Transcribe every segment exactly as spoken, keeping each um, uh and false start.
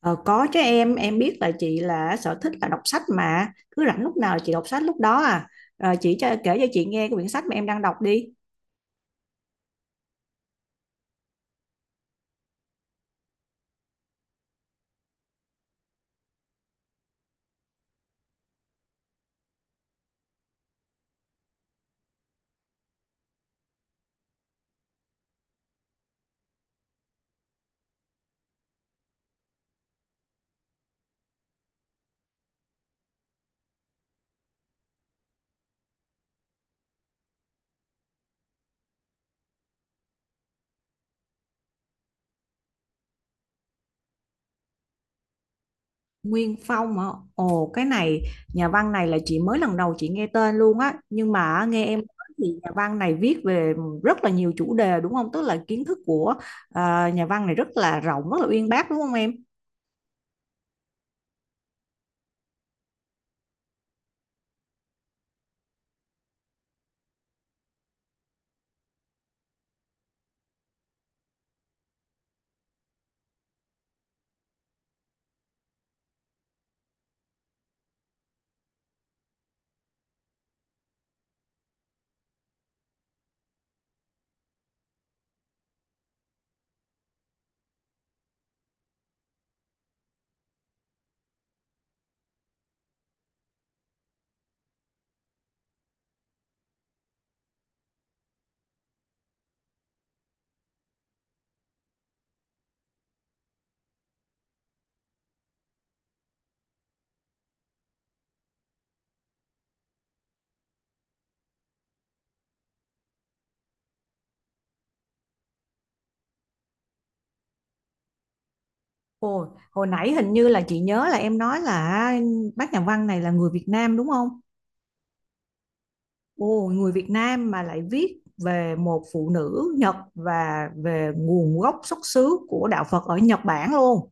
Ờ, có chứ em em biết là chị là sở thích là đọc sách mà cứ rảnh lúc nào là chị đọc sách lúc đó à. Ờ, chị cho kể cho chị nghe cái quyển sách mà em đang đọc đi. Nguyên Phong hả? Ồ, cái này nhà văn này là chị mới lần đầu chị nghe tên luôn á, nhưng mà nghe em nói thì nhà văn này viết về rất là nhiều chủ đề đúng không, tức là kiến thức của à, nhà văn này rất là rộng, rất là uyên bác, đúng không em? Ồ, hồi nãy hình như là chị nhớ là em nói là bác nhà văn này là người Việt Nam đúng không? Ồ, người Việt Nam mà lại viết về một phụ nữ Nhật và về nguồn gốc xuất xứ của đạo Phật ở Nhật Bản luôn.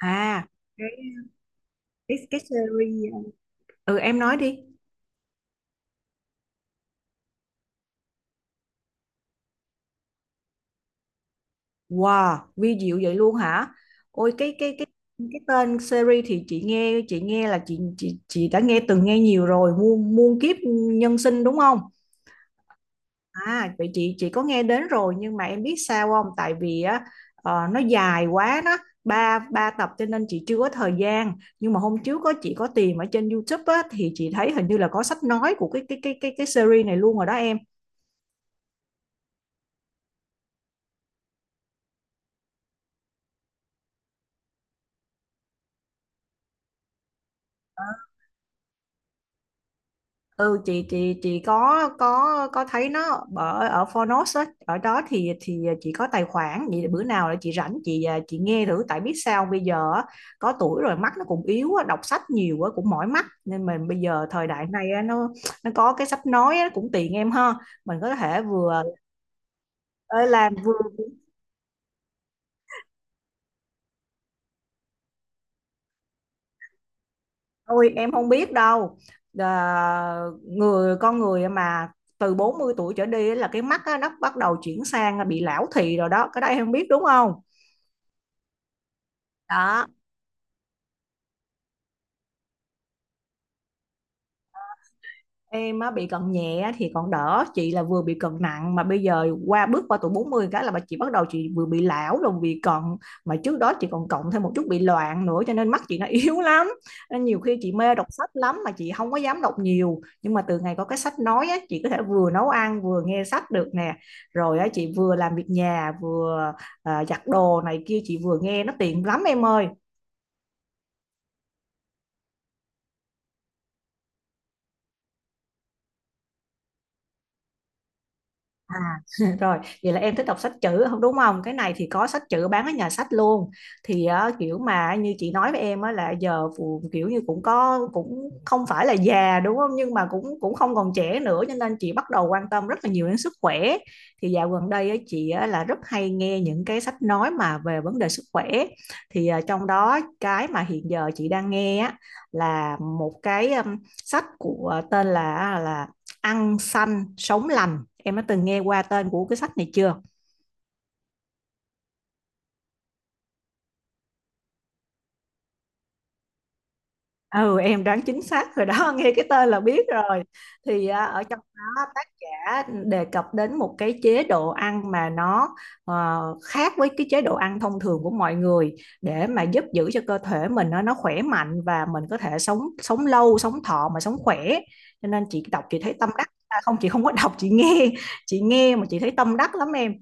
À, cái cái cái series, uh, ừ, em nói đi. Wow, vi diệu vậy luôn hả? Ôi, cái cái cái cái tên series thì chị nghe, chị nghe là chị chị chị đã nghe từng nghe nhiều rồi, muôn muôn kiếp nhân sinh đúng không? À, vậy chị chị có nghe đến rồi, nhưng mà em biết sao không? Tại vì á, ờ, nó dài quá đó, ba ba tập cho nên chị chưa có thời gian. Nhưng mà hôm trước có chị có tìm ở trên YouTube á thì chị thấy hình như là có sách nói của cái cái cái cái cái series này luôn rồi đó em. Ừ, chị chị chị có có có thấy nó ở ở phonos á, ở đó thì thì chị có tài khoản, vậy bữa nào là chị rảnh chị à, chị nghe thử. Tại biết sao bây giờ á, có tuổi rồi mắt nó cũng yếu á, đọc sách nhiều á cũng mỏi mắt, nên mình bây giờ thời đại này á, nó nó có cái sách nói á, cũng tiện em ha. Mình có thể vừa ờ, làm vừa thôi em không biết đâu. à, Người con người mà từ bốn mươi tuổi trở đi á là cái mắt á, nó bắt đầu chuyển sang bị lão thị rồi đó, cái đó em không biết đúng không? Đó em á, bị cận nhẹ thì còn đỡ, chị là vừa bị cận nặng mà bây giờ qua bước qua tuổi bốn mươi cái là bà chị bắt đầu, chị vừa bị lão rồi bị cận, mà trước đó chị còn cộng thêm một chút bị loạn nữa cho nên mắt chị nó yếu lắm. Nên nhiều khi chị mê đọc sách lắm mà chị không có dám đọc nhiều, nhưng mà từ ngày có cái sách nói á chị có thể vừa nấu ăn vừa nghe sách được nè. Rồi á, chị vừa làm việc nhà vừa à, giặt đồ này kia, chị vừa nghe, nó tiện lắm em ơi. À, rồi, vậy là em thích đọc sách chữ không đúng không? Cái này thì có sách chữ bán ở nhà sách luôn. Thì ờ, kiểu mà như chị nói với em á là giờ phù- kiểu như cũng có, cũng không phải là già đúng không? Nhưng mà cũng cũng không còn trẻ nữa, cho nên chị bắt đầu quan tâm rất là nhiều đến sức khỏe. Thì dạo gần đây á, chị á, là rất hay nghe những cái sách nói mà về vấn đề sức khỏe. Thì ờ, trong đó cái mà hiện giờ chị đang nghe á là một cái ừm, sách của ờ, tên là à, là ăn xanh sống lành, em đã từng nghe qua tên của cái sách này chưa? Ừ, em đoán chính xác rồi đó, nghe cái tên là biết rồi. Thì à, ở trong đó tác giả đề cập đến một cái chế độ ăn mà nó ờ, khác với cái chế độ ăn thông thường của mọi người, để mà giúp giữ cho cơ thể mình nó nó khỏe mạnh và mình có thể sống sống lâu sống thọ mà sống khỏe, cho nên chị đọc chị thấy tâm đắc. À, không, chị không có đọc, chị nghe, chị nghe mà chị thấy tâm đắc lắm em.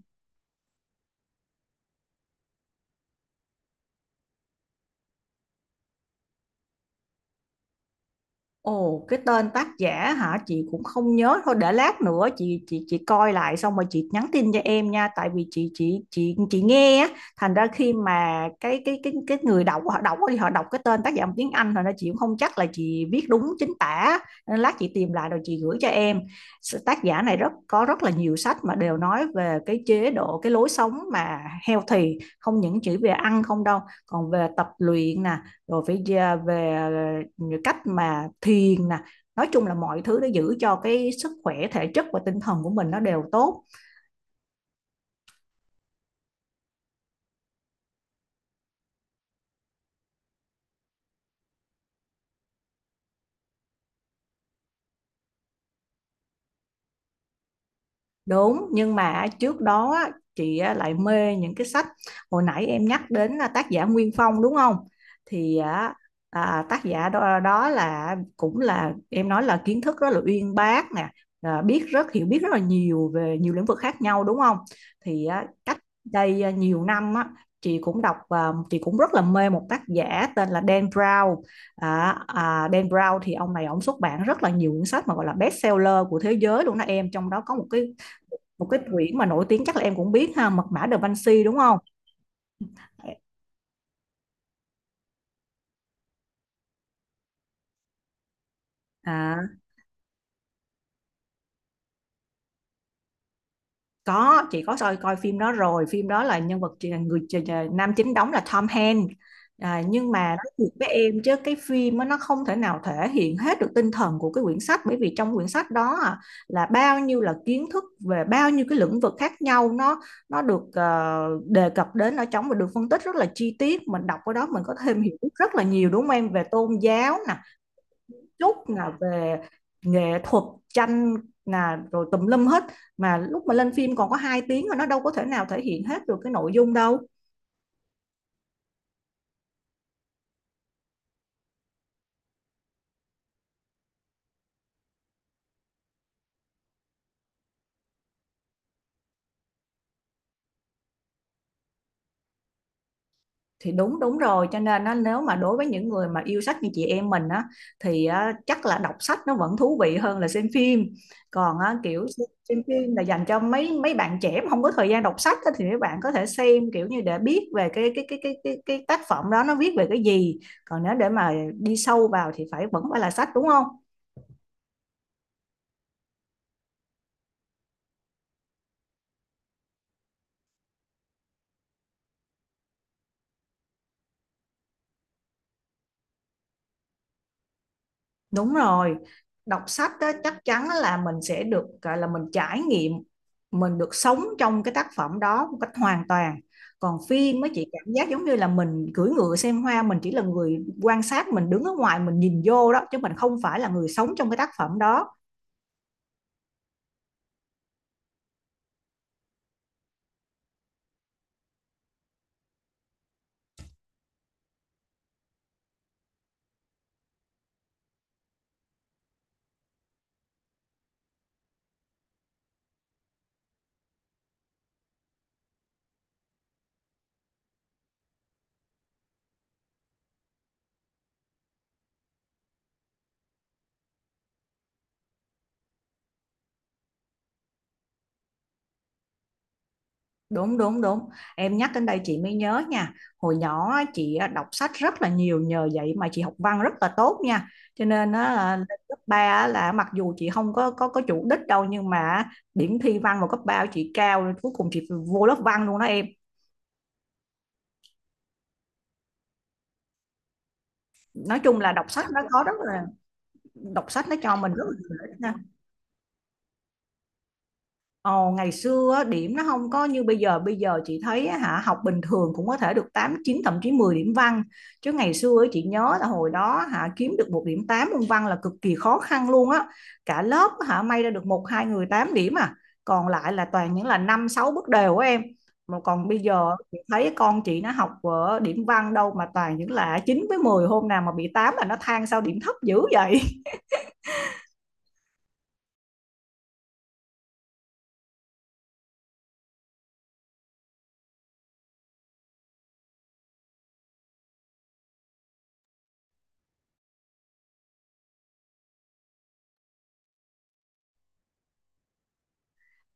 Ồ, cái tên tác giả hả, chị cũng không nhớ, thôi để lát nữa chị chị chị coi lại xong rồi chị nhắn tin cho em nha. Tại vì chị chị chị chị nghe á, thành ra khi mà cái cái cái cái người đọc họ đọc thì họ đọc cái tên tác giả bằng tiếng Anh, thành ra chị cũng không chắc là chị viết đúng chính tả, nên lát chị tìm lại rồi chị gửi cho em. Sự- tác giả này rất có rất là nhiều sách mà đều nói về cái chế độ, cái lối sống mà healthy, không những chỉ về ăn không đâu, còn về tập luyện nè, rồi phải về cách mà thiền nè, nói chung là mọi thứ để giữ cho cái sức khỏe thể chất và tinh thần của mình nó đều tốt. Đúng, nhưng mà trước đó á, chị á, lại mê những cái sách hồi nãy em nhắc đến, là tác giả Nguyên Phong đúng không? Thì á, à, tác giả đó, đó là cũng là em nói là kiến thức rất là uyên bác nè, à, biết rất hiểu biết rất là nhiều về nhiều lĩnh vực khác nhau đúng không? Thì á, cách đây à, nhiều năm á, chị cũng đọc à, chị cũng rất là mê một tác giả tên là Dan Brown. À, à, Dan Brown thì ông này ông xuất bản rất là nhiều cuốn sách mà gọi là best seller của thế giới luôn đó em, trong đó có một cái một cái quyển mà nổi tiếng chắc là em cũng biết ha, mật mã Da Vinci đúng không? à có, chị có coi coi phim đó rồi, phim đó là nhân vật chị- người nam chính đóng là Tom Hanks. À, nhưng mà nói thiệt với em chứ cái phim á, nó không thể nào thể hiện hết được tinh thần của cái quyển sách, bởi vì trong quyển sách đó à, là bao nhiêu là kiến thức về bao nhiêu cái lĩnh vực khác nhau, nó nó được ờ, đề cập đến ở trong và được phân tích rất là chi tiết, mình đọc ở đó mình có thêm hiểu biết rất là nhiều đúng không em, về tôn giáo nè, chút là về nghệ thuật, tranh, là rồi tùm lum hết, mà lúc mà lên phim còn có hai tiếng mà nó đâu có thể nào thể hiện hết được cái nội dung đâu. Thì đúng, đúng rồi, cho nên á, nếu mà đối với những người mà yêu sách như chị em mình á, thì á, chắc là đọc sách nó vẫn thú vị hơn là xem phim. Còn á, kiểu xem xem phim là dành cho mấy mấy bạn trẻ mà không có thời gian đọc sách á, thì mấy bạn có thể xem kiểu như để biết về cái cái cái cái cái, cái tác phẩm đó nó viết về cái gì, còn nếu để mà đi sâu vào thì phải vẫn phải là sách đúng không? Đúng rồi, đọc sách đó, chắc chắn là mình sẽ được gọi là mình trải nghiệm, mình được sống trong cái tác phẩm đó một cách hoàn toàn. Còn phim mới chỉ cảm giác giống như là mình cưỡi ngựa xem hoa, mình chỉ là người quan sát, mình đứng ở ngoài mình nhìn vô đó chứ mình không phải là người sống trong cái tác phẩm đó. Đúng, đúng, đúng, em nhắc đến đây chị mới nhớ nha, hồi nhỏ á, chị đọc sách rất là nhiều, nhờ vậy mà chị học văn rất là tốt nha, cho nên á, là lên cấp ba là mặc dù chị không có có có chủ đích đâu nhưng mà điểm thi văn vào cấp ba của chị cao, rồi cuối cùng chị vô lớp văn luôn đó em. Nói chung là đọc sách nó có rất là đọc sách nó cho mình rất là nhiều lợi ích ha. Ồ, ngày xưa điểm nó không có như bây giờ, bây giờ chị thấy á, hả, học bình thường cũng có thể được tám chín, thậm chí mười điểm văn, chứ ngày xưa chị nhớ là hồi đó hả, kiếm được một điểm tám môn văn là cực kỳ khó khăn luôn á, cả lớp hả may ra được một hai người tám điểm à, còn lại là toàn những là năm sáu bước đều á em, mà còn bây giờ chị thấy con chị nó học ở điểm văn đâu mà toàn những là chín với mười, hôm nào mà bị tám là nó than sao điểm thấp dữ vậy.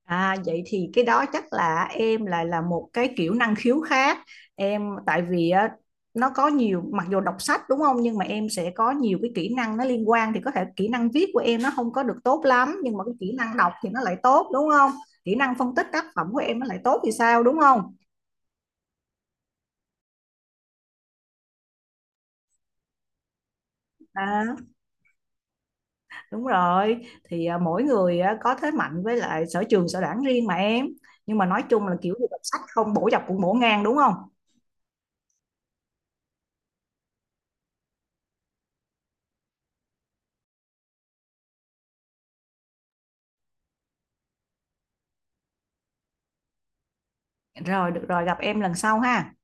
À, vậy thì cái đó chắc là em lại là một cái kiểu năng khiếu khác. Em tại vì á, nó có nhiều, mặc dù đọc sách đúng không, nhưng mà em sẽ có nhiều cái kỹ năng nó liên quan, thì có thể kỹ năng viết của em nó không có được tốt lắm nhưng mà cái kỹ năng đọc thì nó lại tốt đúng không? Kỹ năng phân tích tác phẩm của em nó lại tốt thì sao đúng không? À, đúng rồi, thì à, mỗi người á, có thế mạnh với lại sở trường sở đoản riêng mà em, nhưng mà nói chung là kiểu gì đọc sách không bổ dọc cũng bổ ngang đúng không? Rồi được rồi, gặp em lần sau ha.